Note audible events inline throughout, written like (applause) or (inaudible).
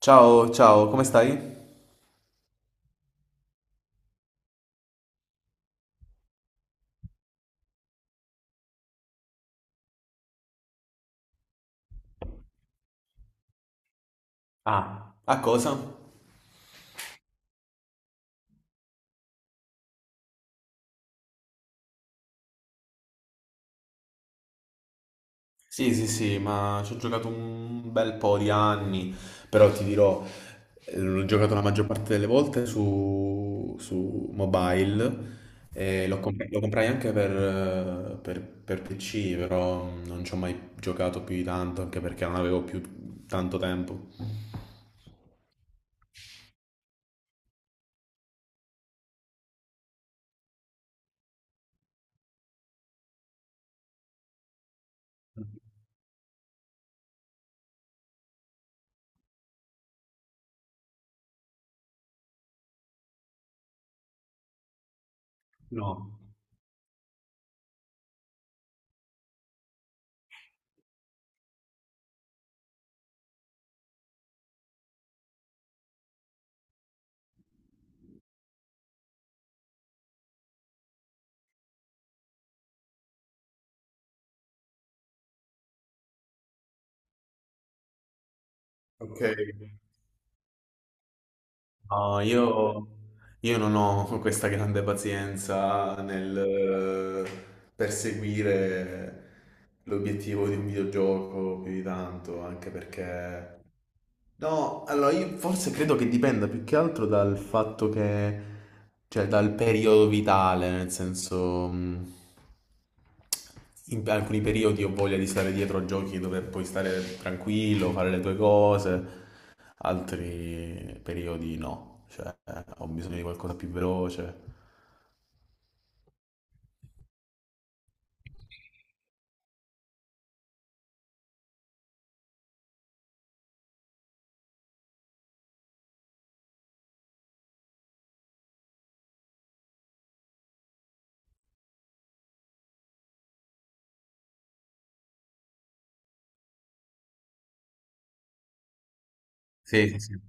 Ciao, ciao, come stai? Ah, a cosa? Sì, sì, sì, ma ci ho giocato un bel po' di anni, però ti dirò, l'ho giocato la maggior parte delle volte su mobile, e lo comprai anche per PC, però non ci ho mai giocato più di tanto, anche perché non avevo più tanto tempo. No. Ok. No, io, non ho (laughs) questa grande pazienza nel perseguire l'obiettivo di un videogioco più di tanto, anche perché. No, allora io forse credo che dipenda più che altro dal fatto che, cioè dal periodo vitale, nel senso, in alcuni periodi ho voglia di stare dietro a giochi dove puoi stare tranquillo, fare le tue cose, altri periodi no, cioè ho bisogno di qualcosa più veloce. Sì, sì, sì.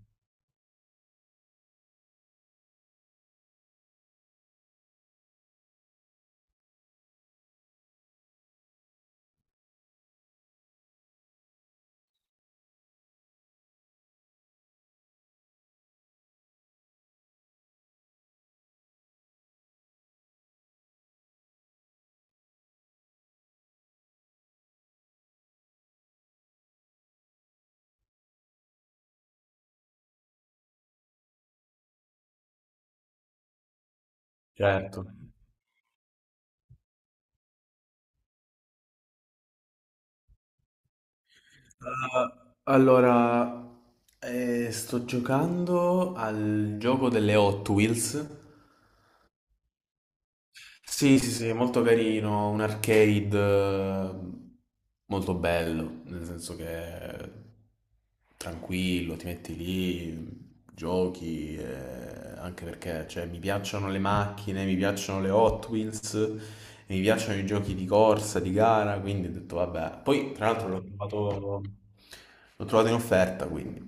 Certo. Allora, sto giocando al gioco delle Hot Wheels. Sì, sì, sì, è molto carino, un arcade, eh, molto bello, nel senso che è tranquillo, ti metti lì, giochi, anche perché cioè, mi piacciono le macchine, mi piacciono le Hot Wheels, e mi piacciono i giochi di corsa, di gara, quindi ho detto vabbè. Poi tra l'altro l'ho trovato in offerta, quindi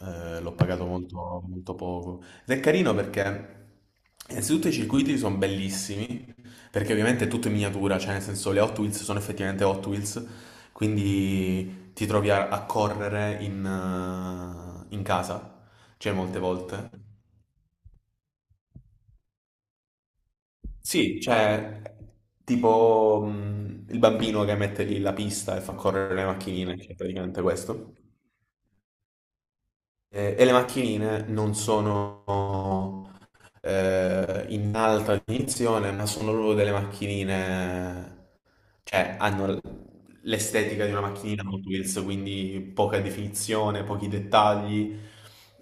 l'ho pagato molto, molto poco. Ed è carino perché innanzitutto i circuiti sono bellissimi, perché ovviamente è tutto in miniatura, cioè nel senso le Hot Wheels sono effettivamente Hot Wheels, quindi ti trovi a correre in casa, cioè molte volte. Sì, cioè tipo il bambino che mette lì la pista e fa correre le macchinine, cioè praticamente questo. E le macchinine non sono in alta definizione, ma sono proprio delle macchinine, cioè, hanno l'estetica di una macchinina Hot Wheels, quindi poca definizione, pochi dettagli,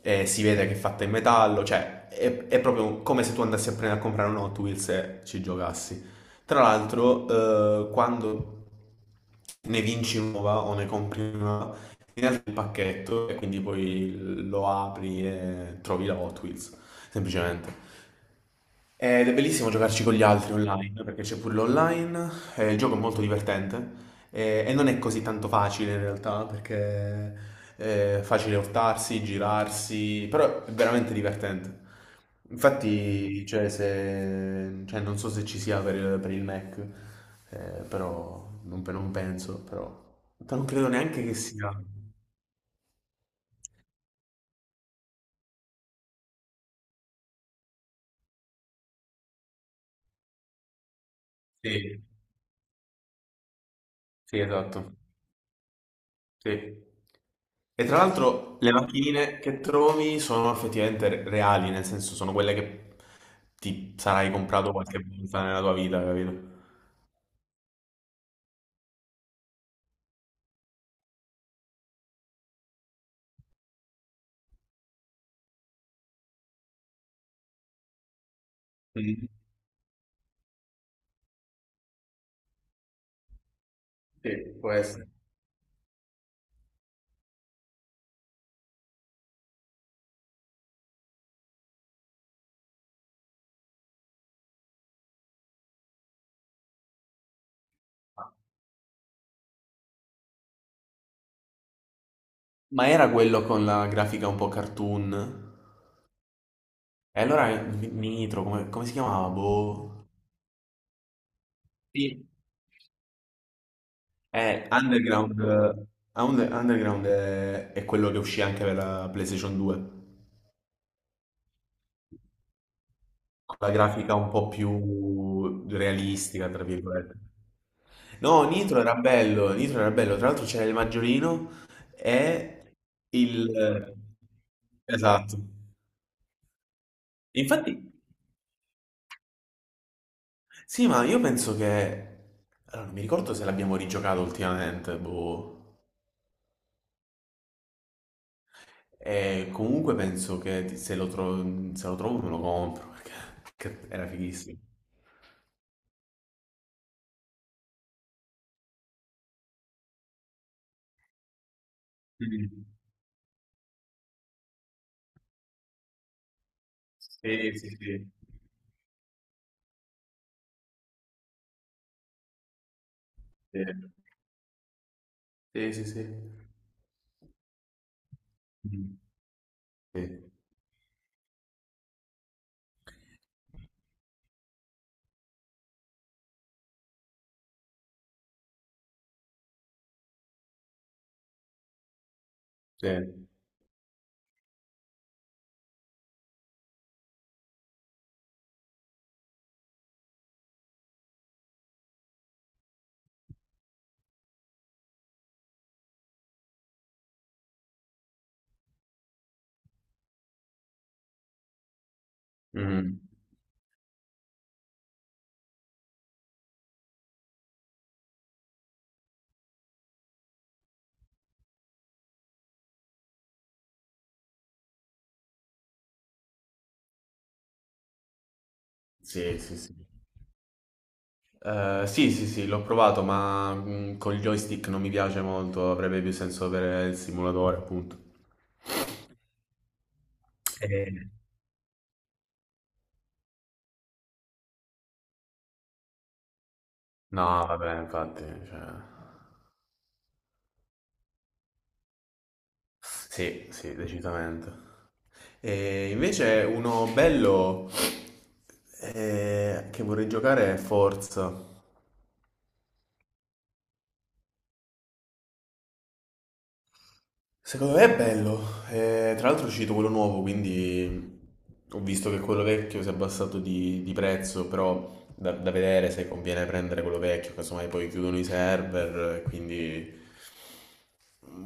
si vede che è fatta in metallo, cioè è proprio come se tu andassi a prendere a comprare un Hot Wheels e ci giocassi. Tra l'altro, quando ne vinci una nuova o ne compri una nuova, ti arriva il pacchetto e quindi poi lo apri e trovi la Hot Wheels, semplicemente. Ed è bellissimo giocarci con gli altri online, perché c'è pure l'online, il gioco è molto divertente, e non è così tanto facile in realtà, perché è facile urtarsi, girarsi, però è veramente divertente. Infatti, cioè, non so se ci sia per il, Mac, però non, penso, però non credo neanche che sia. Sì, sì, esatto. Sì. E tra l'altro le macchinine che trovi sono effettivamente reali, nel senso sono quelle che ti sarai comprato qualche volta nella tua vita, capito? Mm. Sì, può essere. Ma era quello con la grafica un po' cartoon? E allora Nitro, come si chiamava? Boh. Sì. Underground, Underground è quello che uscì anche per la PlayStation 2. La grafica un po' più realistica, tra virgolette. No, Nitro era bello, Nitro era bello. Tra l'altro c'era il Maggiolino e il. Esatto. Infatti, sì, ma io penso che. Allora, non mi ricordo se l'abbiamo rigiocato ultimamente, boh. E comunque penso che se lo trovo me lo compro, perché era fighissimo. Mm. Sì, sì, sì. Sì, sì, sì. Mm. Sì. Sì, mhm. Sì, sì, sì. Sì, sì, sì, l'ho provato, ma con il joystick non mi piace molto, avrebbe più senso per il simulatore, appunto. Eh, No, vabbè, infatti, cioè. Sì, sì, decisamente. E invece uno bello, che vorrei giocare è Forza. Secondo me è bello. Tra l'altro è uscito quello nuovo, quindi ho visto che quello vecchio si è abbassato di prezzo, però da vedere se conviene prendere quello vecchio, casomai poi chiudono i server, quindi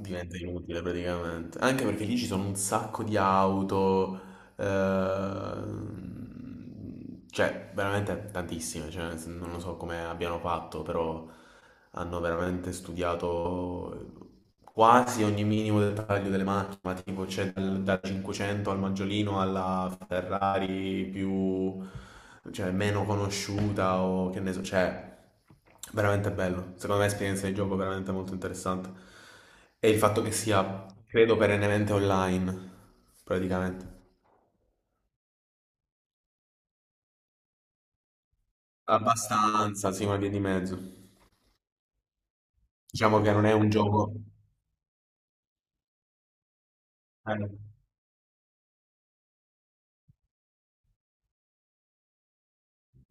diventa inutile praticamente. Anche perché lì ci sono un sacco di auto, cioè, veramente tantissime, cioè, non lo so come abbiano fatto, però hanno veramente studiato quasi ogni minimo dettaglio delle macchine, ma tipo c'è dal 500 al Maggiolino alla Ferrari più, cioè, meno conosciuta o che ne so, cioè, veramente bello. Secondo me è esperienza di gioco veramente molto interessante. E il fatto che sia, credo, perennemente online, praticamente. Abbastanza, sì, una via di mezzo. Diciamo che non è un gioco. Eh,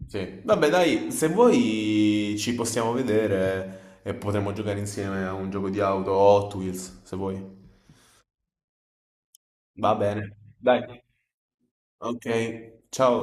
sì. Vabbè, dai, se vuoi ci possiamo vedere e potremo giocare insieme a un gioco di auto o Hot Wheels, se vuoi. Va bene. Dai. Ok, ciao.